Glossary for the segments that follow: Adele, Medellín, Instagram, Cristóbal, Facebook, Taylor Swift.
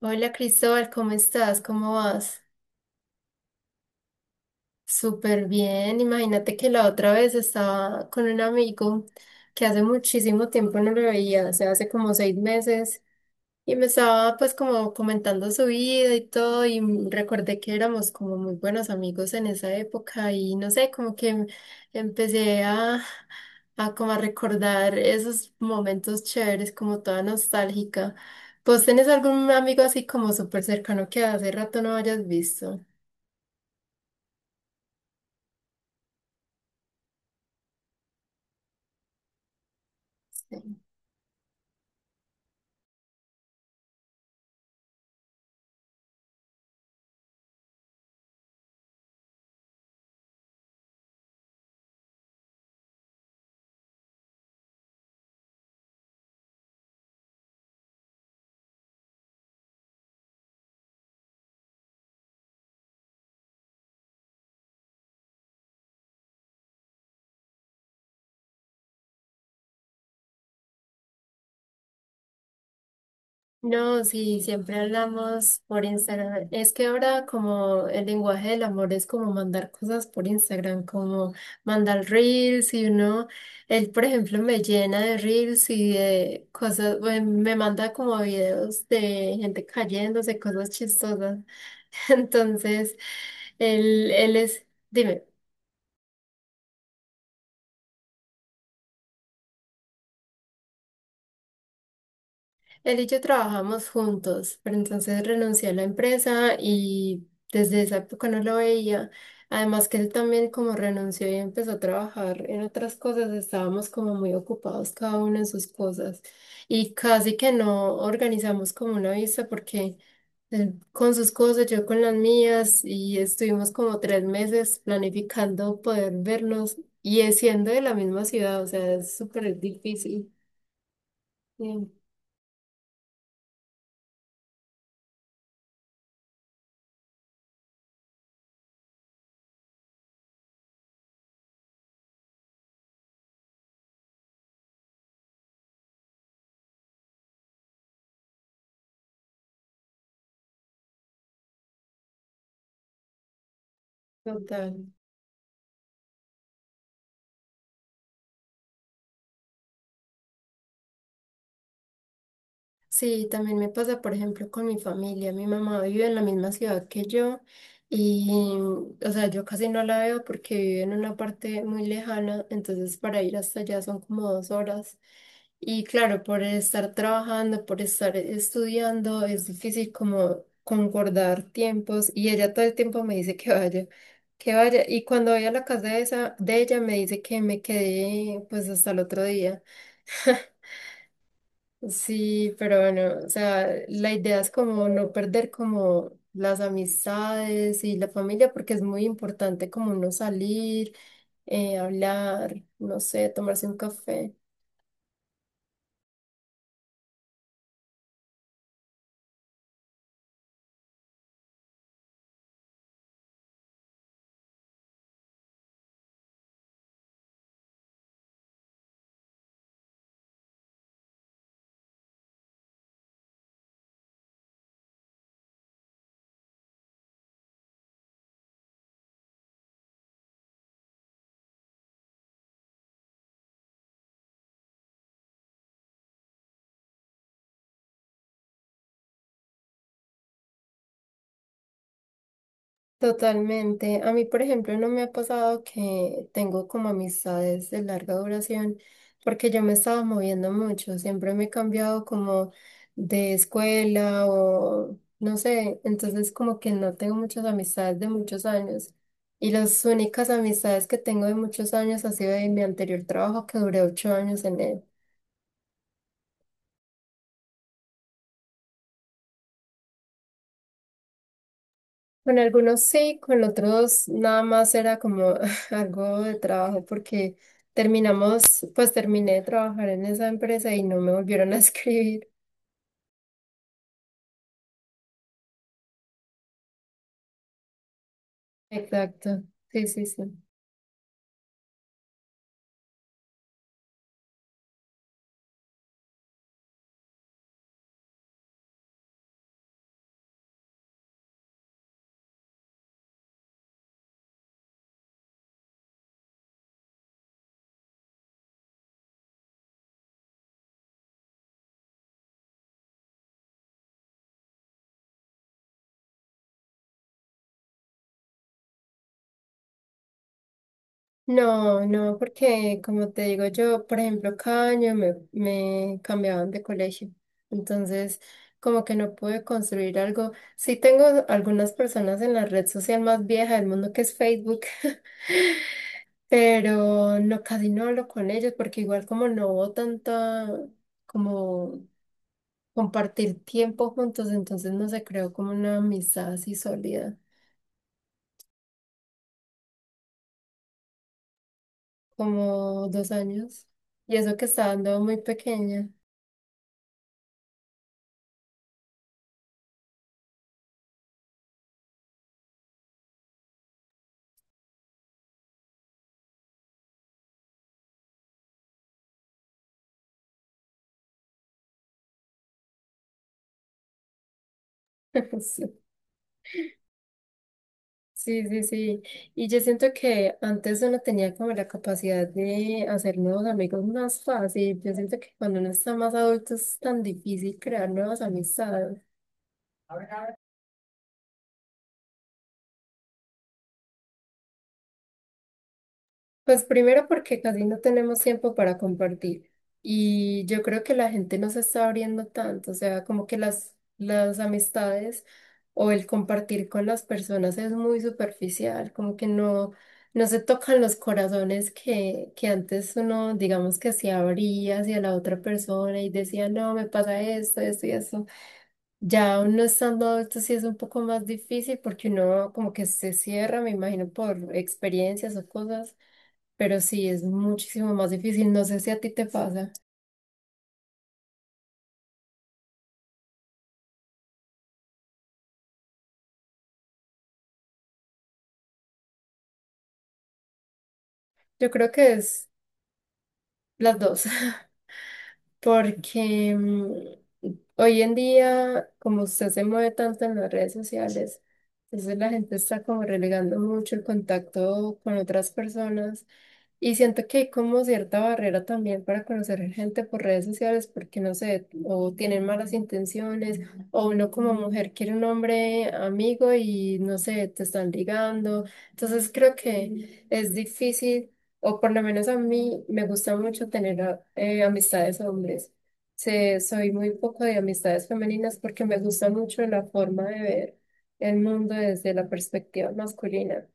Hola Cristóbal, ¿cómo estás? ¿Cómo vas? Súper bien. Imagínate que la otra vez estaba con un amigo que hace muchísimo tiempo no lo veía, o sea, hace como 6 meses y me estaba pues como comentando su vida y todo y recordé que éramos como muy buenos amigos en esa época y no sé, como que empecé a, como a recordar esos momentos chéveres, como toda nostálgica. ¿Vos tenés algún amigo así como súper cercano que hace rato no hayas visto? Sí. No, sí, siempre hablamos por Instagram. Es que ahora como el lenguaje del amor es como mandar cosas por Instagram, como mandar reels y uno, él por ejemplo me llena de reels y de cosas, bueno, me manda como videos de gente cayéndose, cosas chistosas. Entonces, él es, dime. Él y yo trabajamos juntos, pero entonces renuncié a la empresa y desde esa época no lo veía. Además que él también como renunció y empezó a trabajar en otras cosas, estábamos como muy ocupados cada uno en sus cosas y casi que no organizamos como una vista porque él con sus cosas, yo con las mías y estuvimos como 3 meses planificando poder vernos y es siendo de la misma ciudad, o sea, es súper difícil. Sí, total. Sí, también me pasa, por ejemplo, con mi familia. Mi mamá vive en la misma ciudad que yo y, o sea, yo casi no la veo porque vive en una parte muy lejana, entonces para ir hasta allá son como 2 horas. Y claro, por estar trabajando, por estar estudiando, es difícil como concordar tiempos y ella todo el tiempo me dice que vaya, que vaya. Y cuando voy a la casa de esa, de ella me dice que me quedé pues hasta el otro día. Sí, pero bueno, o sea, la idea es como no perder como las amistades y la familia, porque es muy importante como no salir, hablar, no sé, tomarse un café. Totalmente. A mí, por ejemplo, no me ha pasado que tengo como amistades de larga duración, porque yo me estaba moviendo mucho, siempre me he cambiado como de escuela o no sé, entonces como que no tengo muchas amistades de muchos años. Y las únicas amistades que tengo de muchos años ha sido de mi anterior trabajo que duré 8 años en él. Con algunos sí, con otros nada más era como algo de trabajo porque terminamos, pues terminé de trabajar en esa empresa y no me volvieron a escribir. Exacto, sí, sí, sí. No, no, porque como te digo yo, por ejemplo, cada año me, me cambiaban de colegio. Entonces, como que no pude construir algo. Sí tengo algunas personas en la red social más vieja del mundo que es Facebook. Pero no, casi no hablo con ellos porque igual como no hubo tanta como compartir tiempo juntos, entonces no se creó como una amistad así sólida, como 2 años. Y eso que estaba andando muy pequeña. Sí, sí, sí. Sí. Y yo siento que antes uno tenía como la capacidad de hacer nuevos amigos más fácil. Yo siento que cuando uno está más adulto es tan difícil crear nuevas amistades. Pues primero porque casi no tenemos tiempo para compartir y yo creo que la gente no se está abriendo tanto, o sea, como que las amistades o el compartir con las personas es muy superficial, como que no, no se tocan los corazones que antes uno, digamos que se abría hacia la otra persona y decía, no, me pasa esto, esto y eso. Ya uno estando adulto sí es un poco más difícil porque uno como que se cierra, me imagino, por experiencias o cosas pero sí es muchísimo más difícil. No sé si a ti te pasa. Yo creo que es las dos, porque hoy en día, como usted se mueve tanto en las redes sociales, entonces la gente está como relegando mucho el contacto con otras personas. Y siento que hay como cierta barrera también para conocer gente por redes sociales porque no sé, o tienen malas intenciones, o uno como mujer quiere un hombre amigo y no sé, te están ligando. Entonces creo que es difícil, o por lo menos a mí me gusta mucho tener amistades hombres. Soy muy poco de amistades femeninas porque me gusta mucho la forma de ver el mundo desde la perspectiva masculina.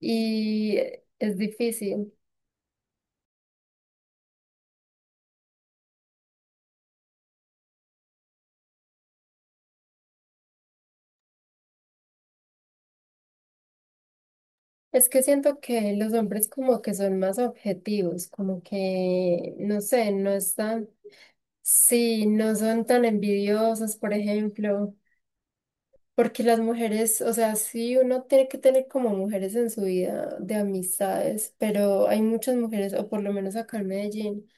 Y es difícil. Es que siento que los hombres como que son más objetivos, como que, no sé, no están, sí, no son tan envidiosos, por ejemplo, porque las mujeres, o sea, sí, uno tiene que tener como mujeres en su vida de amistades, pero hay muchas mujeres, o por lo menos acá en Medellín,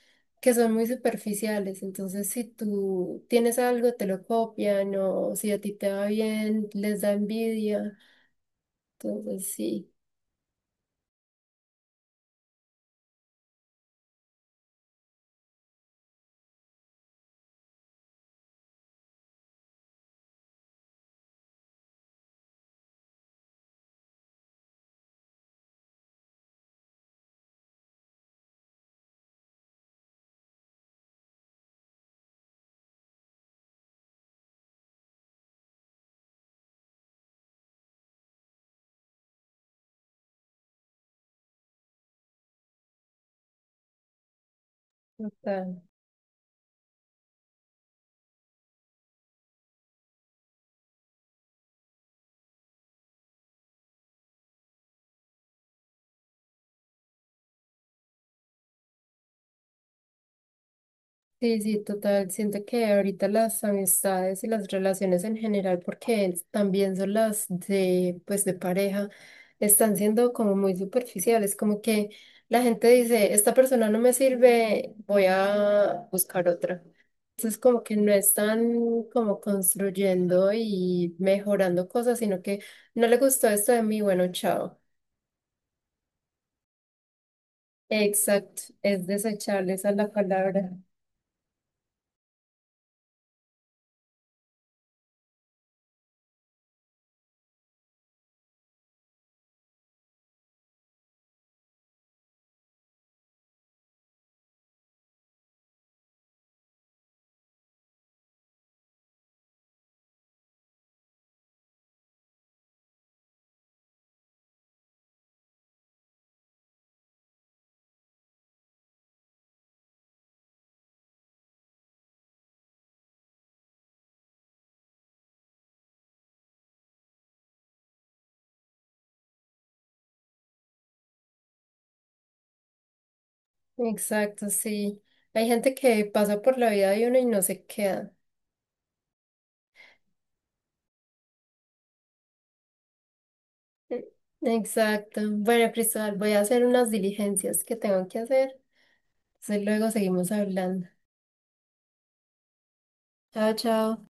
que son muy superficiales, entonces si tú tienes algo, te lo copian, o si a ti te va bien, les da envidia, entonces sí, total. Sí, sí, total. Siento que ahorita las amistades y las relaciones en general, porque es- también son las de, pues, de pareja, están siendo como muy superficiales, como que la gente dice, esta persona no me sirve, voy a buscar otra. Entonces, como que no están como construyendo y mejorando cosas, sino que no le gustó esto de mí, bueno, chao. Exacto, es desechable, esa es la palabra. Exacto, sí. Hay gente que pasa por la vida de uno y no se queda. E- Exacto. Bueno, Cristóbal, voy a hacer unas diligencias que tengo que hacer. Entonces luego seguimos hablando. Chao, chao.